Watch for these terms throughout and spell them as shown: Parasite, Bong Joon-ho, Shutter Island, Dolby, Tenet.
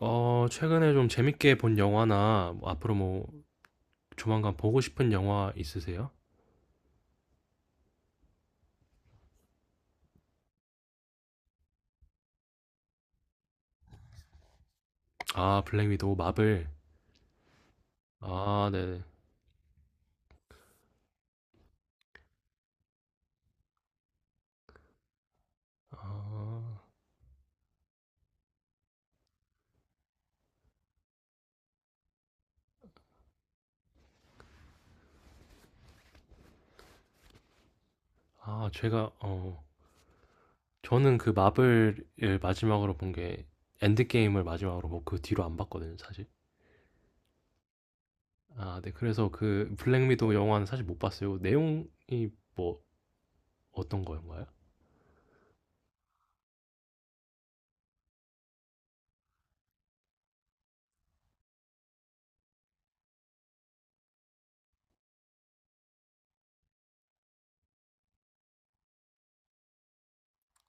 어, 최근에 좀 재밌게 본 영화나 뭐 앞으로 뭐 조만간 보고 싶은 영화 있으세요? 아, 블랙 위도우 마블. 아, 네네. 아, 아, 제가 어 저는 그 마블을 마지막으로 본 게 엔드게임을 마지막으로 보고 그 뒤로 안 봤거든요, 사실. 아, 네. 그래서 그 블랙 위도우 영화는 사실 못 봤어요. 내용이 뭐 어떤 거인가요?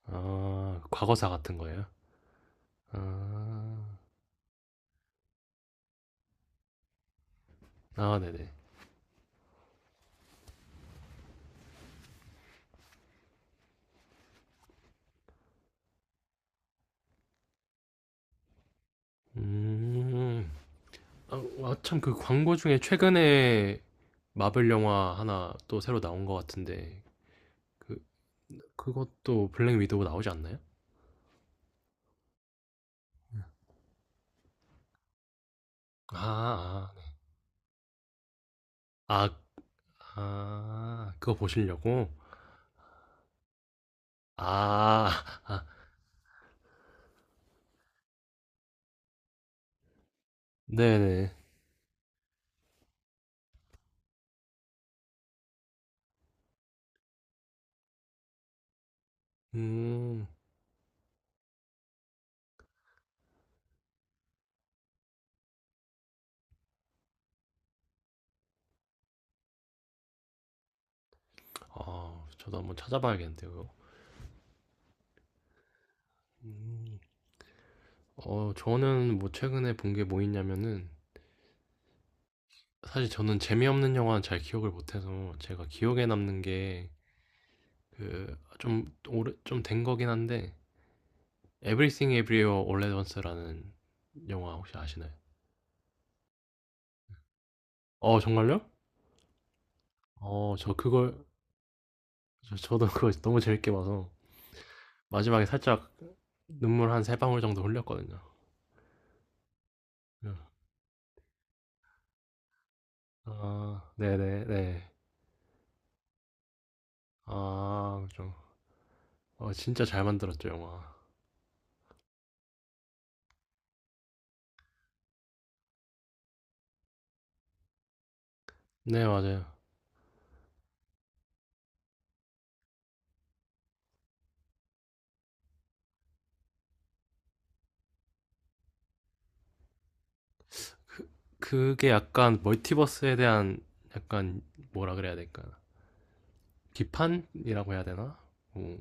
아, 과거사 같은 거예요? 아, 아, 네네. 음, 아 참 그 광고 중에 최근에 마블 영화 하나 또 새로 나온 것 같은데 그 그것도 블랙 위도우 나오지 않나요? 아, 아, 네. 아, 아, 그거 보시려고? 아, 네네. 음, 아, 저도 한번 찾아봐야겠는데요. 그거. 음, 어, 저는 뭐 최근에 본 게 뭐 있냐면은 사실 저는 재미없는 영화는 잘 기억을 못해서 제가 기억에 남는 게 그 좀 오래 좀 된 거긴 한데 Everything Everywhere All at Once라는 영화 혹시 아시나요? 어, 정말요? 어, 저 그걸 저도 그거 너무 재밌게 봐서 마지막에 살짝 눈물 한 세 방울 정도 흘렸거든요. 예. 아, 네네, 네. 아, 그죠. 렇 어, 진짜 잘 만들었죠, 영화. 네, 맞아요. 그게 약간 멀티버스에 대한 약간 뭐라 그래야 될까? 비판이라고 해야 되나? 뭐,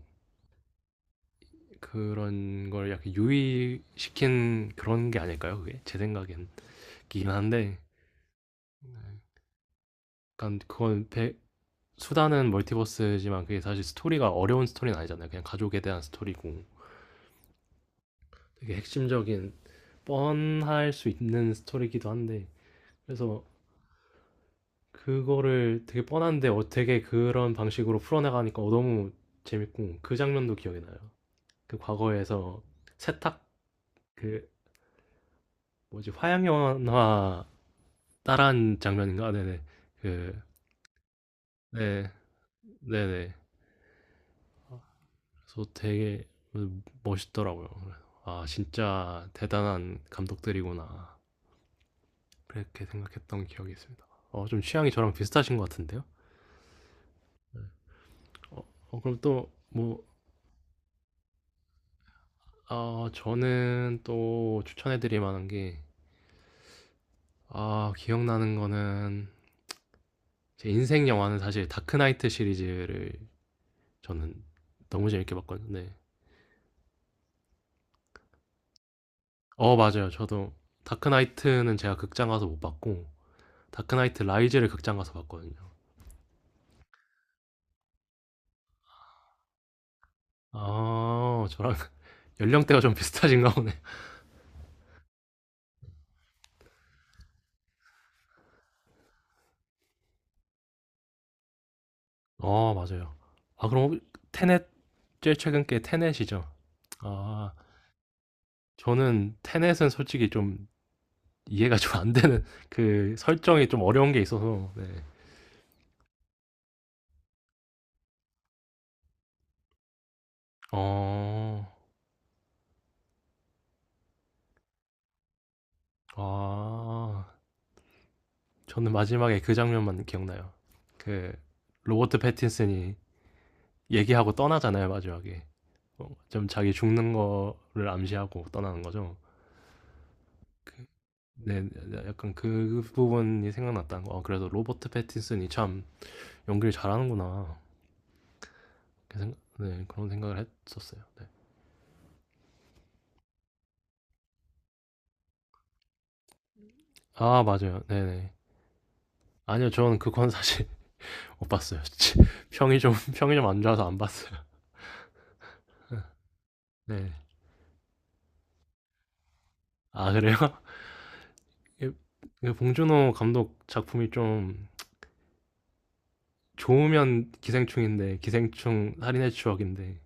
그런 걸 약간 유의시킨 그런 게 아닐까요, 그게? 제 생각엔. 기긴 한데 약간 그건 배 수다는 멀티버스지만 그게 사실 스토리가 어려운 스토리는 아니잖아요. 그냥 가족에 대한 스토리고 되게 핵심적인 뻔할 수 있는 스토리이기도 한데 그래서 그거를 되게 뻔한데 어떻게 그런 방식으로 풀어나가니까 어, 너무 재밌고 그 장면도 기억이 나요. 그 과거에서 세탁 그 뭐지 화양 연화 따라한 장면인가? 네네 그 네 네네 그래서 되게 멋있더라고요. 아, 진짜 대단한 감독들이구나. 그렇게 생각했던 기억이 있습니다. 어, 좀 취향이 저랑 비슷하신 것 같은데요? 어, 어, 그럼 또, 뭐, 아, 저는 또 추천해드릴 만한 게, 아, 기억나는 거는, 제 인생 영화는 사실 다크나이트 시리즈를 저는 너무 재밌게 봤거든요. 네. 어, 맞아요. 저도 다크나이트는 제가 극장 가서 못 봤고, 다크나이트 라이즈를 극장 가서 봤거든요. 아, 저랑 연령대가 좀 비슷하신가 보네. 어, 맞아요. 아, 그럼 테넷, 제일 최근 게 테넷이죠? 아, 저는 테넷은 솔직히 좀 이해가 좀 안 되는 그 설정이 좀 어려운 게 있어서, 네. 어, 아, 저는 마지막에 그 장면만 기억나요. 그, 로버트 패틴슨이 얘기하고 떠나잖아요, 마지막에. 어, 좀 자기 죽는 거를 암시하고 떠나는 거죠. 그 네. 약간 그 부분이 생각났다는 거. '아 그래도 로버트 패틴슨이 참 연기를 잘하는구나.' 이렇게 생각 네 그런 생각을 했었어요. 네. 아 맞아요. 네네. 아니요. 저는 그건 사실 못 봤어요. 평이 좀 안 좋아서 안 봤어요. 네. 아 그래요? 이 봉준호 감독 작품이 좀 좋으면 기생충인데 기생충 살인의 추억인데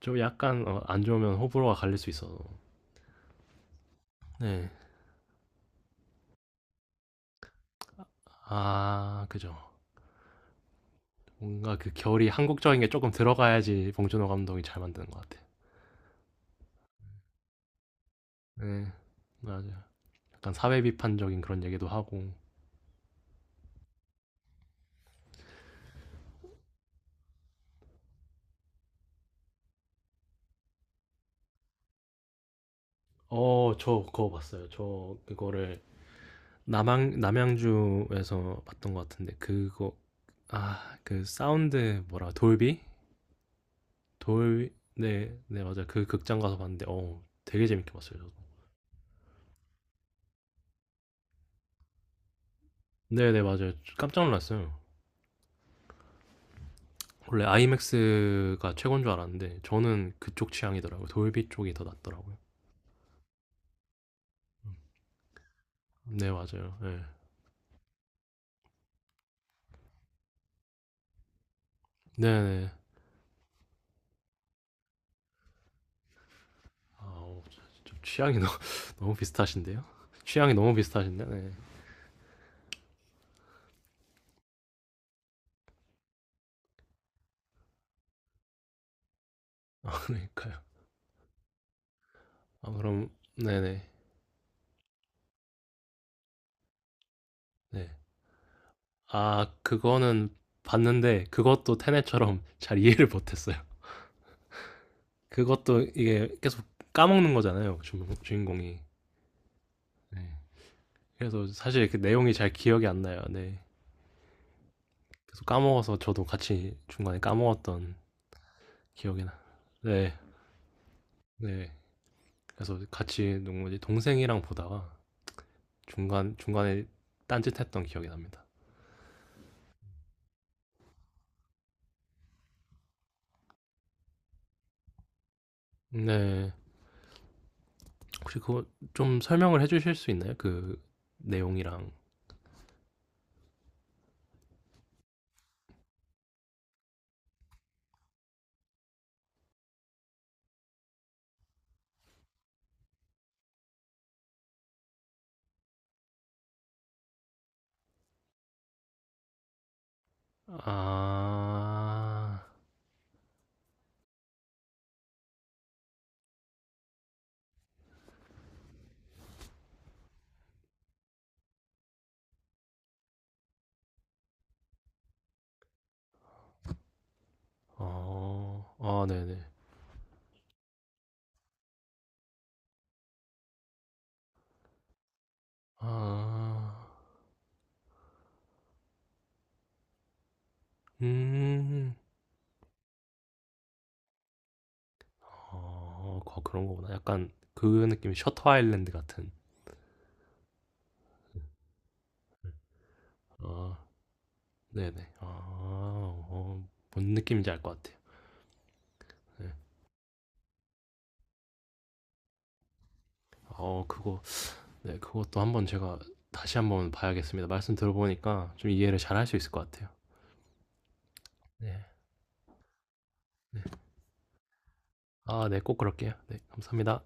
좀 약간 어 안 좋으면 호불호가 갈릴 수 있어서. 네. 아 그죠. 뭔가 그 결이 한국적인 게 조금 들어가야지 봉준호 감독이 잘 만드는 것 같아. 네, 맞아요. 약간 사회 비판적인 그런 얘기도 하고. 어, 저 그거 봤어요. 저 그거를 남양주에서 봤던 것 같은데 그거 아, 그 사운드 뭐라 돌비? 돌 네, 네 맞아요. 그 극장 가서 봤는데 어, 되게 재밌게 봤어요. 저도. 네, 네 맞아요. 깜짝 놀랐어요. 원래 아이맥스가 최고인 줄 알았는데 저는 그쪽 취향이더라고요. 돌비 쪽이 더 낫더라고요. 네 맞아요. 예. 네네. 아 어, 좀 취향이 너무 너무 비슷하신데요. 취향이 너무 비슷하신데. 네. 그러니까요. 아 그럼 네네. 네. 아 그거는 봤는데 그것도 테넷처럼 잘 이해를 못 했어요. 그것도 이게 계속 까먹는 거잖아요, 주인공이. 네. 그래서 사실 그 내용이 잘 기억이 안 나요. 네. 계속 까먹어서 저도 같이 중간에 까먹었던 기억이 나. 네. 네. 그래서 같이 누구지? 동생이랑 보다가 중간 중간에 딴짓했던 기억이 납니다. 네. 혹시 그거 좀 설명을 해주실 수 있나요? 그 내용이랑 아, 어, 아, 네네. 아, 음, 어, 그런 거구나. 약간 그 느낌이 셔터 아일랜드 같은. 아, 네네. 아, 어, 뭔 느낌인지 알 것 같아요. 네. 어, 그거, 네, 그것도 한번 제가 다시 한번 봐야겠습니다. 말씀 들어보니까 좀 이해를 잘할 수 있을 것 같아요. 네. 아 네. 꼭 그럴게요. 네. 감사합니다.